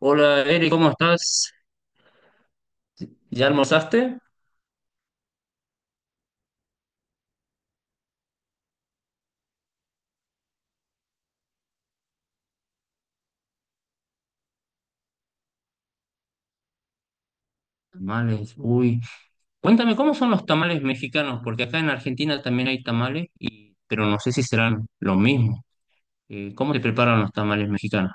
Hola Eric, ¿cómo estás? ¿Ya almorzaste? Tamales, uy. Cuéntame, ¿cómo son los tamales mexicanos? Porque acá en Argentina también hay tamales, pero no sé si serán lo mismo. ¿Cómo te preparan los tamales mexicanos?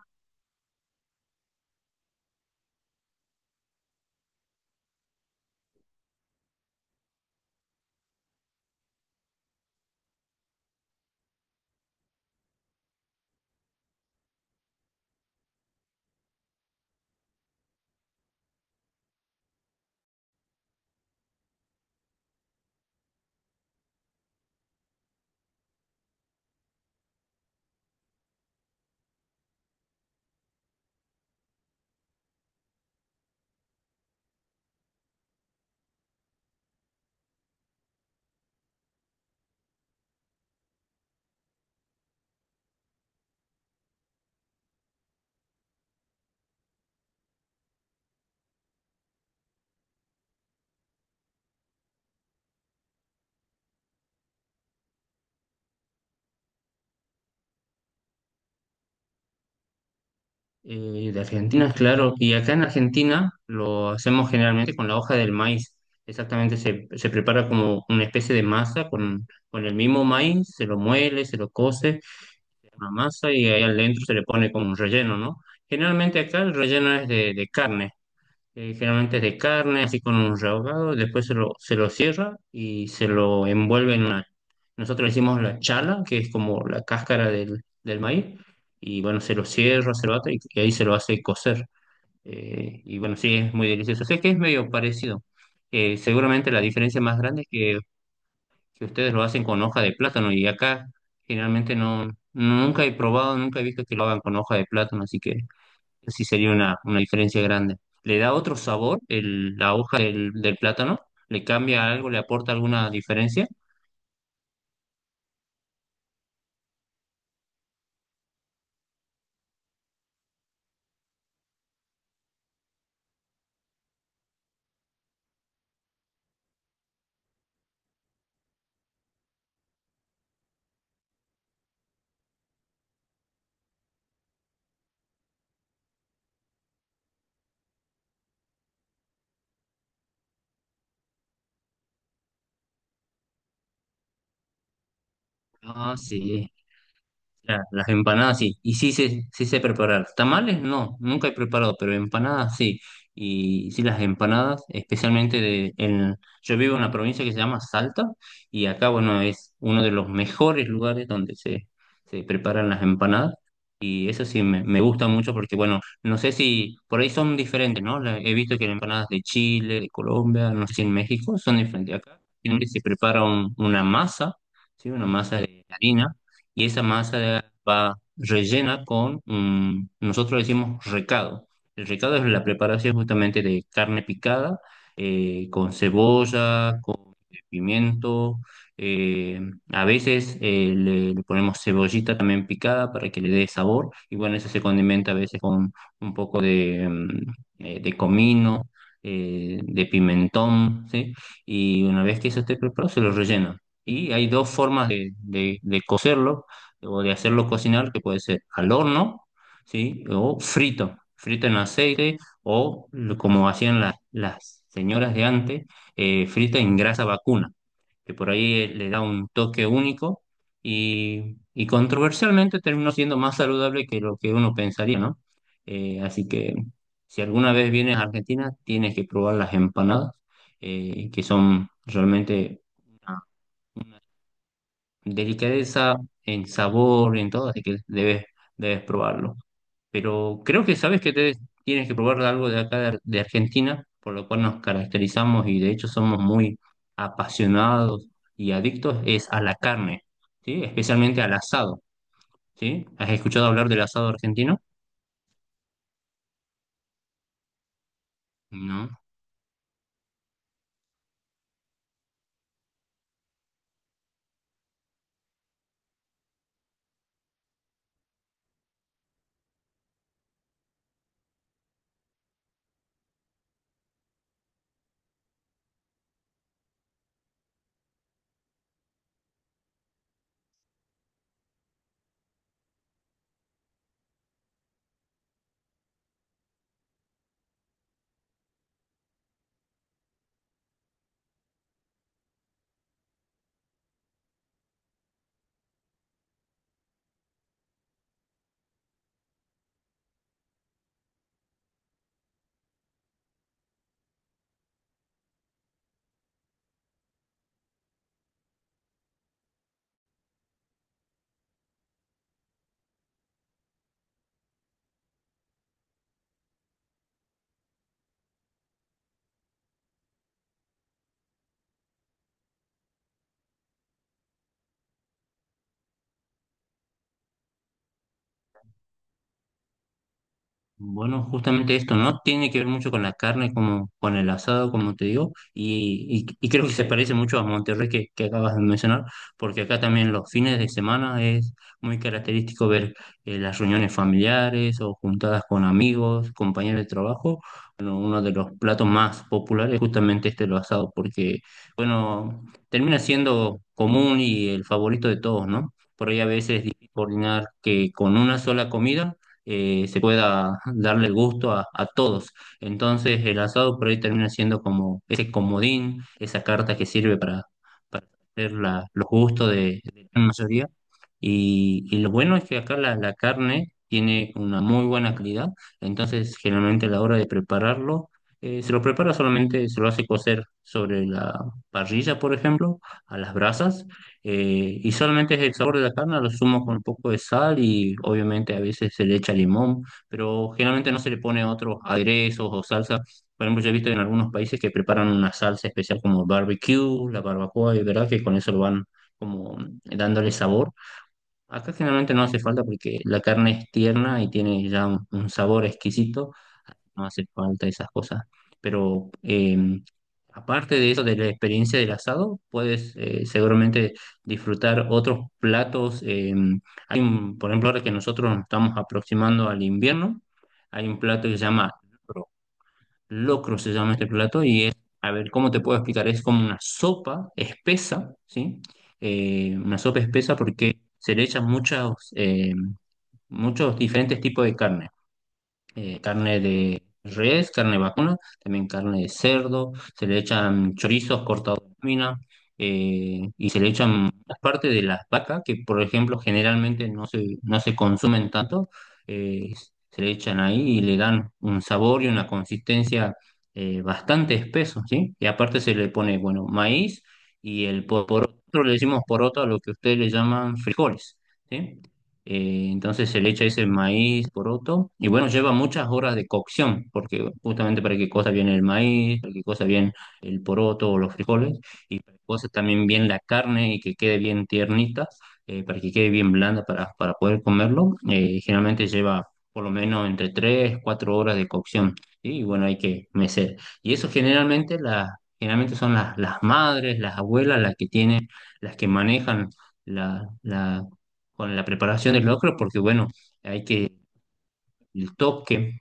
De Argentina, claro. Y acá en Argentina lo hacemos generalmente con la hoja del maíz. Exactamente, se prepara como una especie de masa con el mismo maíz, se lo muele, se lo cose, una masa y ahí adentro se le pone como un relleno, ¿no? Generalmente acá el relleno es de carne. Generalmente es de carne, así con un rehogado, después se lo cierra y se lo envuelve en una... Nosotros le hicimos la chala, que es como la cáscara del maíz, y bueno, se lo cierra, se lo ata y ahí se lo hace cocer. Y bueno, sí, es muy delicioso. Sé que es medio parecido. Seguramente la diferencia más grande es que ustedes lo hacen con hoja de plátano y acá generalmente no, nunca he probado, nunca he visto que lo hagan con hoja de plátano, así que sí sería una diferencia grande. ¿Le da otro sabor el- la hoja del plátano? ¿Le cambia algo? ¿Le aporta alguna diferencia? Ah, sí. La- Las empanadas sí, y sí sé preparar. Tamales no, nunca he preparado, pero empanadas sí. Y sí, las empanadas, especialmente de... En, yo vivo en una provincia que se llama Salta y acá, bueno, es uno de los mejores lugares donde se preparan las empanadas. Y eso sí, me gusta mucho porque, bueno, no sé si por ahí son diferentes, ¿no? La- he visto que las empanadas de Chile, de Colombia, no sé si en México son diferentes. Acá generalmente se prepara un- una masa, ¿sí? Una masa de harina y esa masa va rellena con, nosotros decimos recado. El recado es la preparación justamente de carne picada, con cebolla, con pimiento, eh, a veces le ponemos cebollita también picada para que le dé sabor, y bueno, eso se condimenta a veces con un poco de, de comino. De pimentón, ¿sí? Y una vez que eso esté preparado, se lo rellena. Y hay dos formas de cocerlo o de hacerlo cocinar, que puede ser al horno, ¿sí? O frito, frito en aceite, o lo- como hacían las señoras de antes, frita en grasa vacuna, que por ahí le da un toque único y controversialmente terminó siendo más saludable que lo que uno pensaría, ¿no? Así que si alguna vez vienes a Argentina, tienes que probar las empanadas, que son realmente delicadeza en sabor, en todo, así que debes, debes probarlo. Pero creo que sabes que te- tienes que probar algo de acá de, Ar- de Argentina, por lo cual nos caracterizamos y de hecho somos muy apasionados y adictos, es a la carne, ¿sí? Especialmente al asado, ¿sí? ¿Has escuchado hablar del asado argentino? No. Bueno, justamente esto, ¿no? Tiene que ver mucho con la carne, como con el asado, como te digo, y creo que se parece mucho a Monterrey que acabas de mencionar, porque acá también los fines de semana es muy característico ver las reuniones familiares o juntadas con amigos, compañeros de trabajo. Bueno, uno de los platos más populares es justamente este, el asado, porque, bueno, termina siendo común y el favorito de todos, ¿no? Por ahí a veces es difícil coordinar que con una sola comida se pueda darle el gusto a todos. Entonces el asado por ahí termina siendo como ese comodín, esa carta que sirve para hacer la- los gustos de la gran mayoría. Y lo bueno es que acá la, la carne tiene una muy buena calidad, entonces generalmente a la hora de prepararlo, se lo prepara solamente, se lo hace cocer sobre la parrilla, por ejemplo, a las brasas y solamente es el sabor de la carne, lo sumo con un poco de sal y obviamente a veces se le echa limón, pero generalmente no se le pone otros aderezos o salsa. Por ejemplo, yo he visto en algunos países que preparan una salsa especial como barbecue, la barbacoa, y verdad que con eso lo van como dándole sabor. Acá generalmente no hace falta porque la carne es tierna y tiene ya un sabor exquisito, no hace falta esas cosas. Pero aparte de eso, de la experiencia del asado, puedes seguramente disfrutar otros platos. Hay un- por ejemplo, ahora que nosotros nos estamos aproximando al invierno, hay un plato que se llama locro. Locro se llama este plato y es, a ver, ¿cómo te puedo explicar? Es como una sopa espesa, ¿sí? Una sopa espesa porque se le echan muchas, muchos diferentes tipos de carne, carne de res, carne vacuna, también carne de cerdo, se le echan chorizos cortados en lámina, y se le echan parte de las vacas que, por ejemplo, generalmente no se consumen tanto, eh, se le echan ahí y le dan un sabor y una consistencia, bastante espeso, ¿sí? Y aparte se le pone, bueno, maíz y el por otro le decimos poroto a lo que ustedes le llaman frijoles, ¿sí? Entonces se le echa ese maíz poroto y bueno, lleva muchas horas de cocción porque justamente para que cosa bien el maíz, para que cosa bien el poroto o los frijoles y para que cosa también bien la carne y que quede bien tiernita, para que quede bien blanda para poder comerlo. Generalmente lleva por lo menos entre 3 4 horas de cocción, ¿sí? Y bueno, hay que mecer. Y eso generalmente, generalmente son las madres, las abuelas las que tienen, las que manejan la, la con la preparación del locro, porque bueno, hay que el toque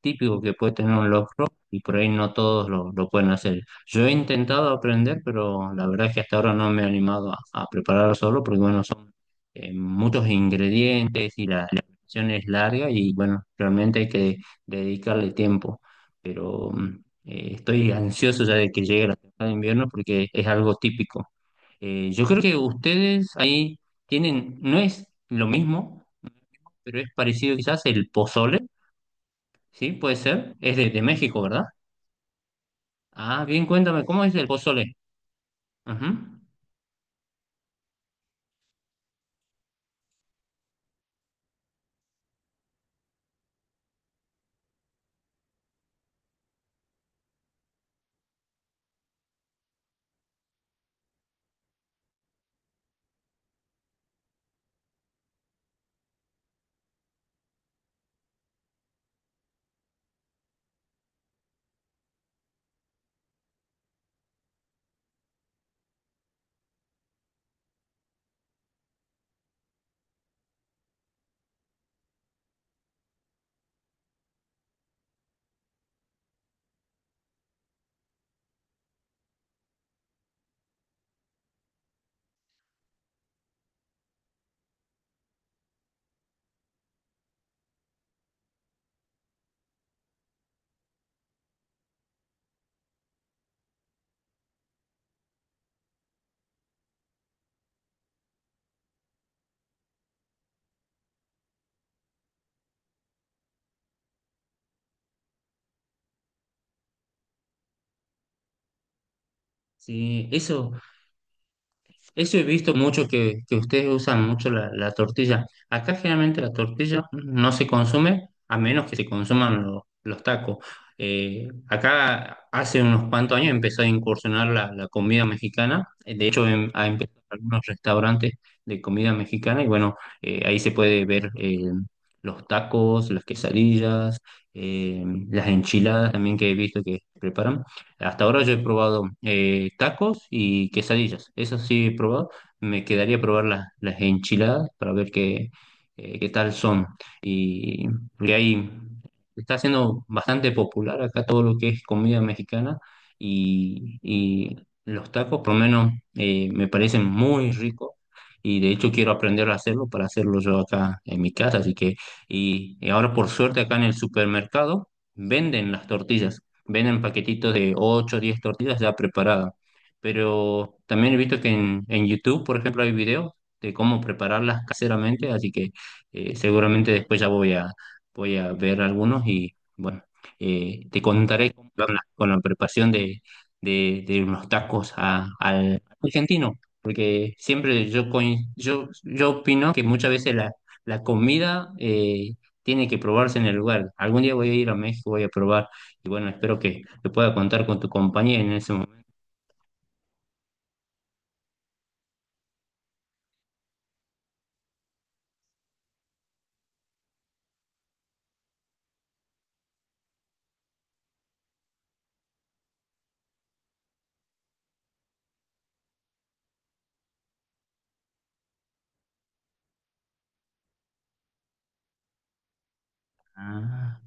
típico que puede tener un locro y por ahí no todos lo pueden hacer. Yo he intentado aprender, pero la verdad es que hasta ahora no me he animado a preparar solo porque bueno, son muchos ingredientes y la preparación es larga y bueno, realmente hay que dedicarle tiempo, pero estoy ansioso ya de que llegue la temporada de invierno porque es algo típico. Yo creo que ustedes ahí tienen, no es lo mismo, pero es parecido quizás el pozole, ¿sí? Puede ser, es de México, ¿verdad? Ah, bien, cuéntame, ¿cómo es el pozole? Ajá. Sí, eso. Eso he visto mucho que ustedes usan mucho la, la tortilla. Acá generalmente la tortilla no se consume a menos que se consuman lo- los tacos. Acá hace unos cuantos años empezó a incursionar la, la comida mexicana. De hecho, ha empezado algunos restaurantes de comida mexicana y bueno, ahí se puede ver los tacos, las quesadillas, eh, las enchiladas también que he visto que preparan. Hasta ahora yo he probado tacos y quesadillas, esas sí he probado. Me quedaría probar las enchiladas para ver qué, qué tal son. Y, y ahí está siendo bastante popular acá todo lo que es comida mexicana y los tacos, por lo menos, me parecen muy ricos. Y de hecho quiero aprender a hacerlo para hacerlo yo acá en mi casa. Así que, y ahora por suerte acá en el supermercado venden las tortillas, venden paquetitos de 8 o 10 tortillas ya preparadas. Pero también he visto que en YouTube, por ejemplo, hay videos de cómo prepararlas caseramente, así que seguramente después ya voy a, voy a ver algunos y bueno, te contaré cómo van las- con la preparación de, de unos tacos a- al argentino, porque siempre yo, coin- yo opino que muchas veces la, la comida tiene que probarse en el lugar. Algún día voy a ir a México, voy a probar y bueno, espero que pueda contar con tu compañía en ese momento. Ah,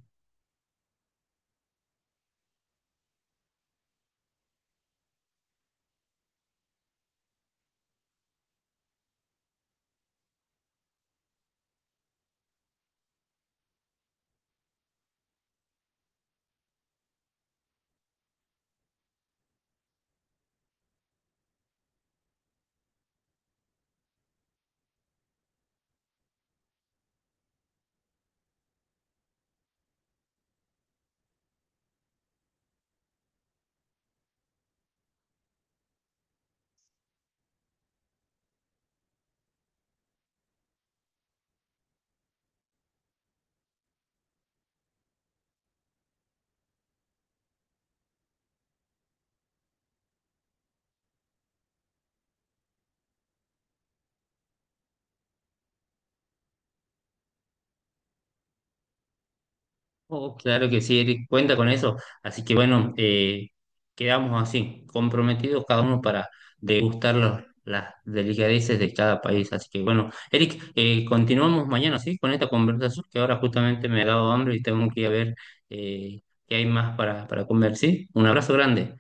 oh, claro que sí, Eric, cuenta con eso. Así que bueno, quedamos así, comprometidos cada uno para degustar los- las delicadeces de cada país. Así que bueno, Eric, continuamos mañana, ¿sí? Con esta conversación que ahora justamente me ha dado hambre y tengo que ir a ver eh, qué hay más para comer, ¿sí? Un abrazo grande.